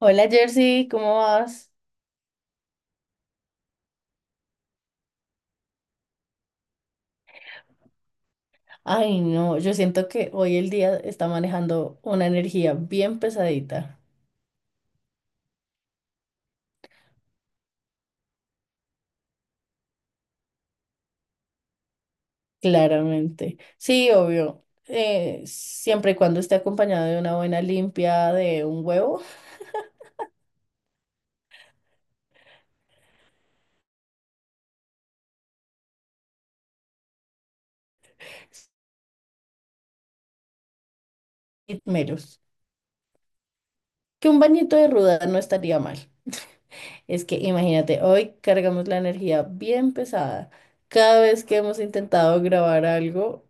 Hola Jersey, ¿cómo vas? Ay, no, yo siento que hoy el día está manejando una energía bien pesadita, claramente. Sí, obvio. Siempre y cuando esté acompañado de una buena limpia de un huevo, y meros. Que un bañito de ruda no estaría mal. Es que imagínate, hoy cargamos la energía bien pesada. Cada vez que hemos intentado grabar algo,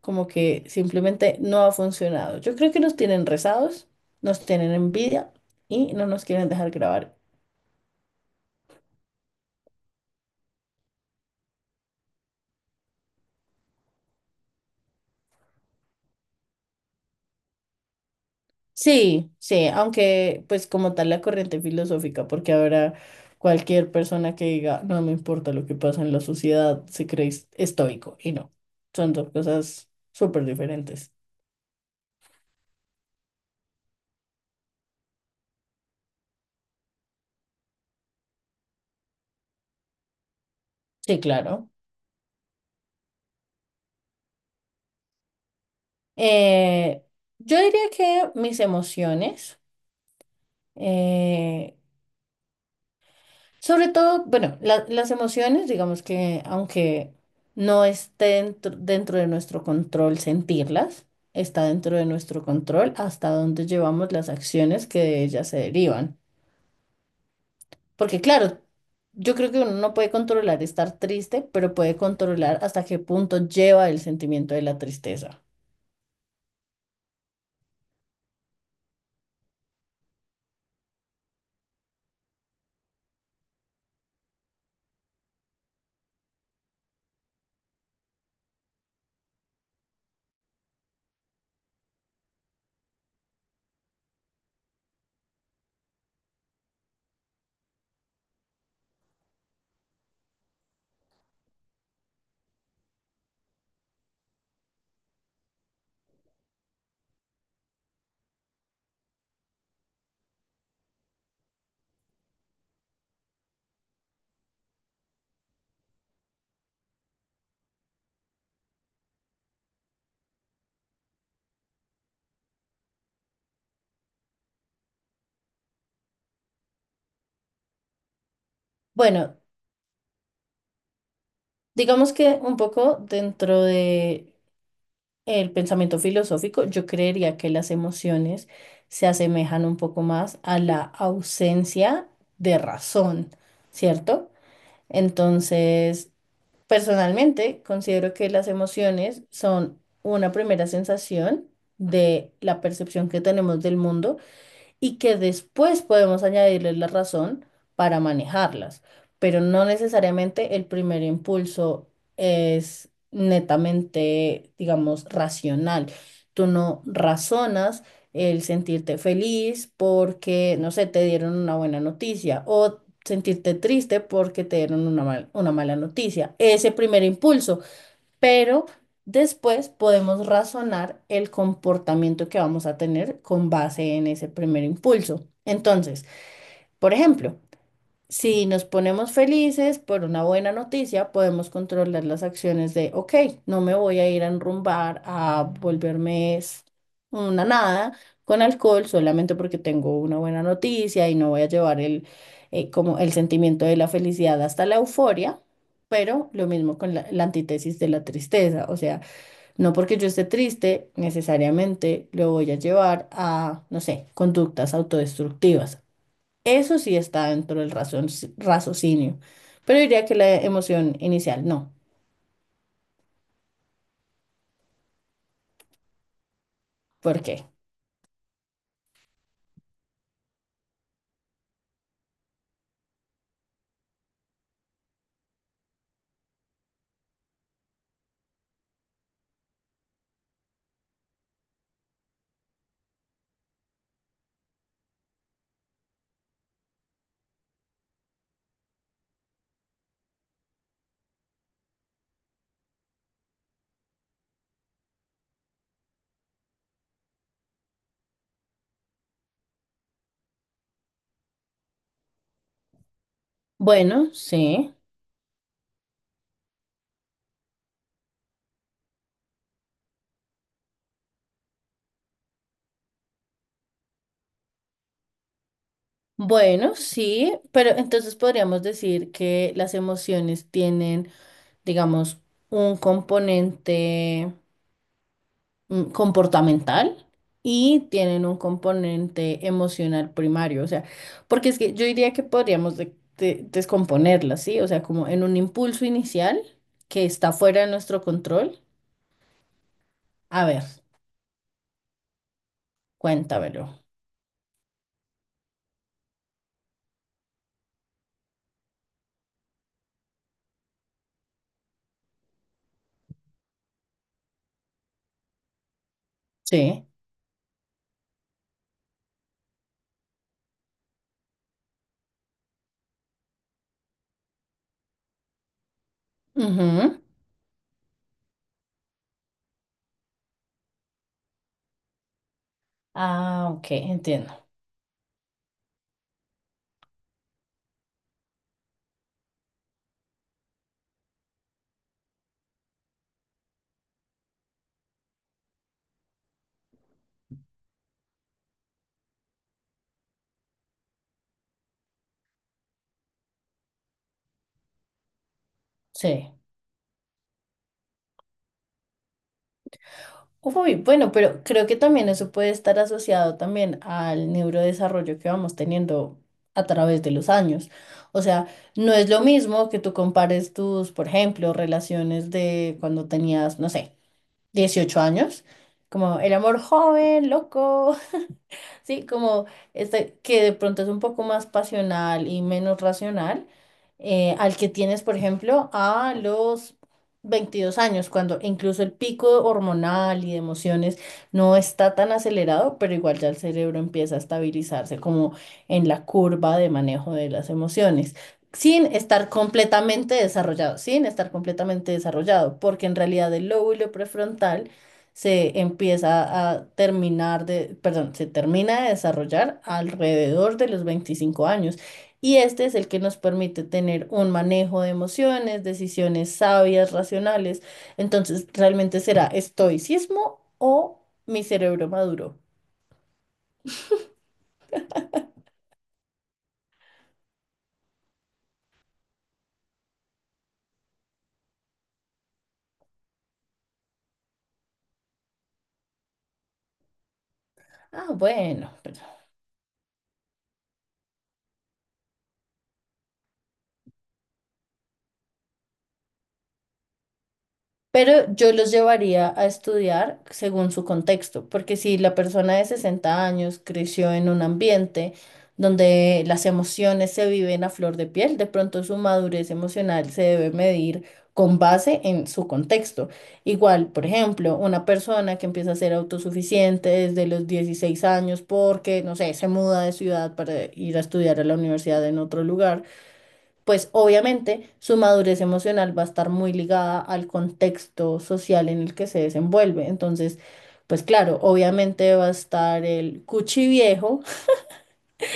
como que simplemente no ha funcionado. Yo creo que nos tienen rezados, nos tienen envidia y no nos quieren dejar grabar. Sí, sí, aunque pues como tal la corriente filosófica, porque ahora cualquier persona que diga, no me importa lo que pasa en la sociedad, se cree estoico y no, son dos cosas súper diferentes. Sí, claro. Eh, yo diría que mis emociones. eh, Sobre todo, bueno, las emociones, digamos que aunque no esté dentro de nuestro control sentirlas, está dentro de nuestro control hasta dónde llevamos las acciones que de ellas se derivan. Porque claro, yo creo que uno no puede controlar estar triste, pero puede controlar hasta qué punto lleva el sentimiento de la tristeza. Bueno, digamos que un poco dentro de el pensamiento filosófico, yo creería que las emociones se asemejan un poco más a la ausencia de razón, ¿cierto? Entonces, personalmente considero que las emociones son una primera sensación de la percepción que tenemos del mundo y que después podemos añadirles la razón para manejarlas, pero no necesariamente el primer impulso es netamente, digamos, racional. Tú no razonas el sentirte feliz porque, no sé, te dieron una buena noticia o sentirte triste porque te dieron una una mala noticia. Ese primer impulso, pero después podemos razonar el comportamiento que vamos a tener con base en ese primer impulso. Entonces, por ejemplo, si nos ponemos felices por una buena noticia, podemos controlar las acciones de, ok, no me voy a ir a enrumbar, a una nada con alcohol solamente porque tengo una buena noticia y no voy a llevar el, como el sentimiento de la felicidad hasta la euforia, pero lo mismo con la antítesis de la tristeza, o sea, no porque yo esté triste, necesariamente lo voy a llevar a, no sé, conductas autodestructivas. Eso sí está dentro del raciocinio, pero diría que la emoción inicial no. ¿Por qué? Bueno, sí. Bueno, sí, pero entonces podríamos decir que las emociones tienen, digamos, un componente comportamental y tienen un componente emocional primario, o sea, porque es que yo diría que podríamos descomponerlas, ¿sí? O sea, como en un impulso inicial que está fuera de nuestro control. A ver. Cuéntamelo. Sí. Ujú. Ah, ok, entiendo. Sí. Uy, bueno, pero creo que también eso puede estar asociado también al neurodesarrollo que vamos teniendo a través de los años. O sea, no es lo mismo que tú compares tus, por ejemplo, relaciones de cuando tenías, no sé, 18 años, como el amor joven, loco, sí, como este que de pronto es un poco más pasional y menos racional, al que tienes, por ejemplo, a los 22 años, cuando incluso el pico hormonal y de emociones no está tan acelerado, pero igual ya el cerebro empieza a estabilizarse como en la curva de manejo de las emociones. Sin estar completamente desarrollado, sin estar completamente desarrollado, porque en realidad el lóbulo prefrontal se empieza a terminar de, perdón, se termina de desarrollar alrededor de los 25 años. Y este es el que nos permite tener un manejo de emociones, decisiones sabias, racionales. Entonces, ¿realmente será estoicismo o mi cerebro maduro? Ah, bueno, pues, pero yo los llevaría a estudiar según su contexto, porque si la persona de 60 años creció en un ambiente donde las emociones se viven a flor de piel, de pronto su madurez emocional se debe medir con base en su contexto. Igual, por ejemplo, una persona que empieza a ser autosuficiente desde los 16 años porque, no sé, se muda de ciudad para ir a estudiar a la universidad en otro lugar, pues obviamente su madurez emocional va a estar muy ligada al contexto social en el que se desenvuelve. Entonces, pues claro, obviamente va a estar el cuchi viejo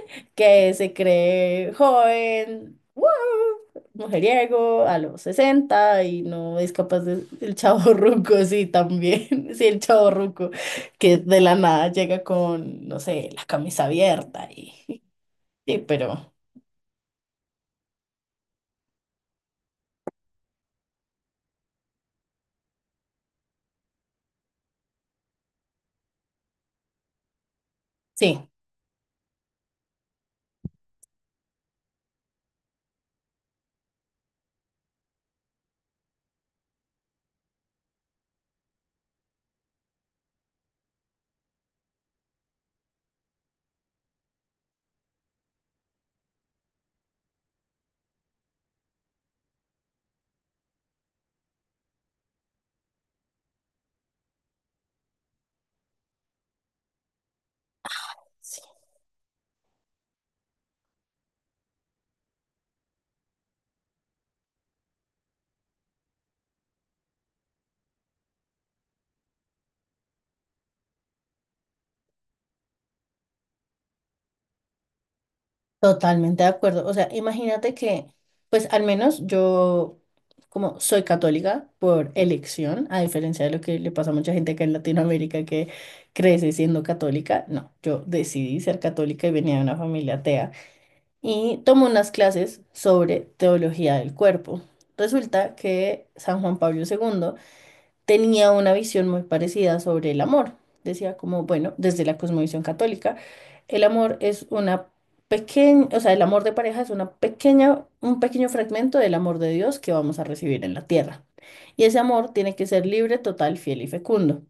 que se cree joven, ¡guau! Mujeriego a los 60 y no es capaz de... El chavo ruco, sí, también. Sí, el chavo ruco que de la nada llega con, no sé, la camisa abierta y... Sí, pero sí. Totalmente de acuerdo. O sea, imagínate que, pues al menos yo, como soy católica por elección, a diferencia de lo que le pasa a mucha gente acá en Latinoamérica que crece siendo católica, no, yo decidí ser católica y venía de una familia atea y tomé unas clases sobre teología del cuerpo. Resulta que San Juan Pablo II tenía una visión muy parecida sobre el amor. Decía como, bueno, desde la cosmovisión católica, el amor es una pequeña, o sea, el amor de pareja es una pequeña, un pequeño fragmento del amor de Dios que vamos a recibir en la tierra. Y ese amor tiene que ser libre, total, fiel y fecundo.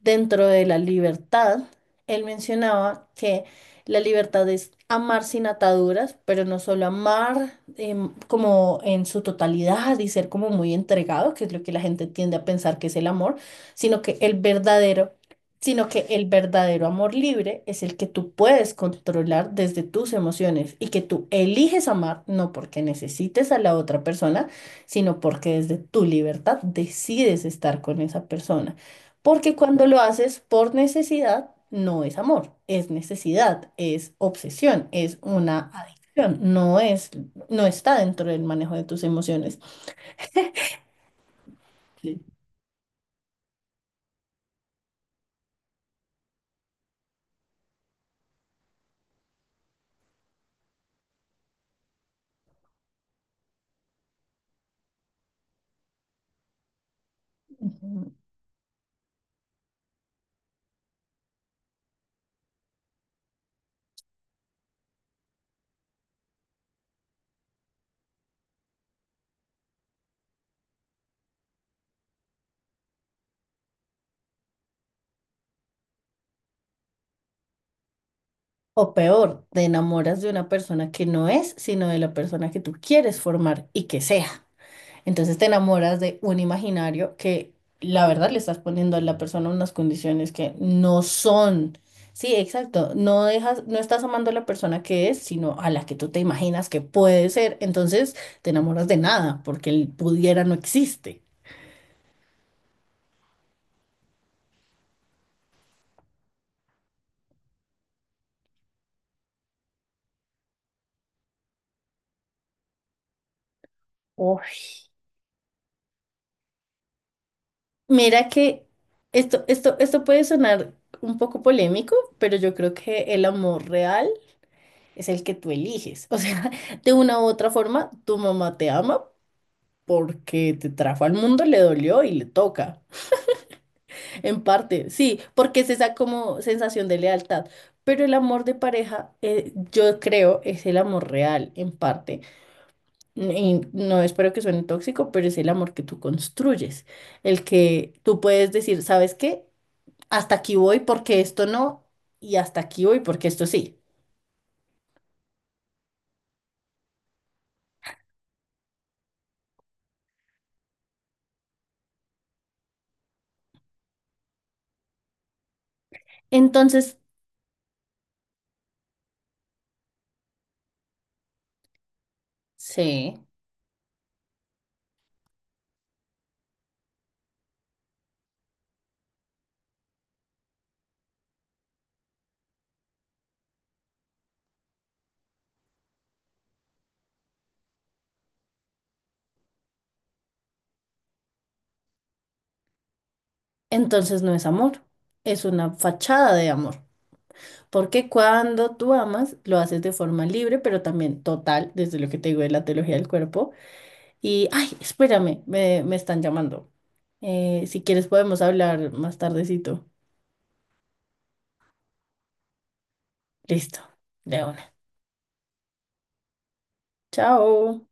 Dentro de la libertad, él mencionaba que la libertad es amar sin ataduras, pero no solo amar como en su totalidad y ser como muy entregado, que es lo que la gente tiende a pensar que es el amor, sino que el verdadero, sino que el verdadero amor libre es el que tú puedes controlar desde tus emociones y que tú eliges amar, no porque necesites a la otra persona, sino porque desde tu libertad decides estar con esa persona. Porque cuando lo haces por necesidad, no es amor, es necesidad, es obsesión, es una adicción, no es, no está dentro del manejo de tus emociones. Sí. Ujú. O peor, te enamoras de una persona que no es, sino de la persona que tú quieres formar y que sea. Entonces te enamoras de un imaginario que la verdad le estás poniendo a la persona unas condiciones que no son. Sí, exacto. No dejas, no estás amando a la persona que es, sino a la que tú te imaginas que puede ser. Entonces te enamoras de nada, porque el pudiera no existe. Uf, mira que esto puede sonar un poco polémico, pero yo creo que el amor real es el que tú eliges. O sea, de una u otra forma, tu mamá te ama porque te trajo al mundo, le dolió y le toca. En parte, sí, porque es esa como sensación de lealtad. Pero el amor de pareja, yo creo, es el amor real, en parte. Y no espero que suene tóxico, pero es el amor que tú construyes. El que tú puedes decir, ¿sabes qué? Hasta aquí voy porque esto no, y hasta aquí voy porque esto sí. Entonces, sí, entonces no es amor, es una fachada de amor. Porque cuando tú amas, lo haces de forma libre, pero también total, desde lo que te digo de la teología del cuerpo. Y, ay, espérame, me están llamando. Si quieres podemos hablar más tardecito. Listo, de una. Chao.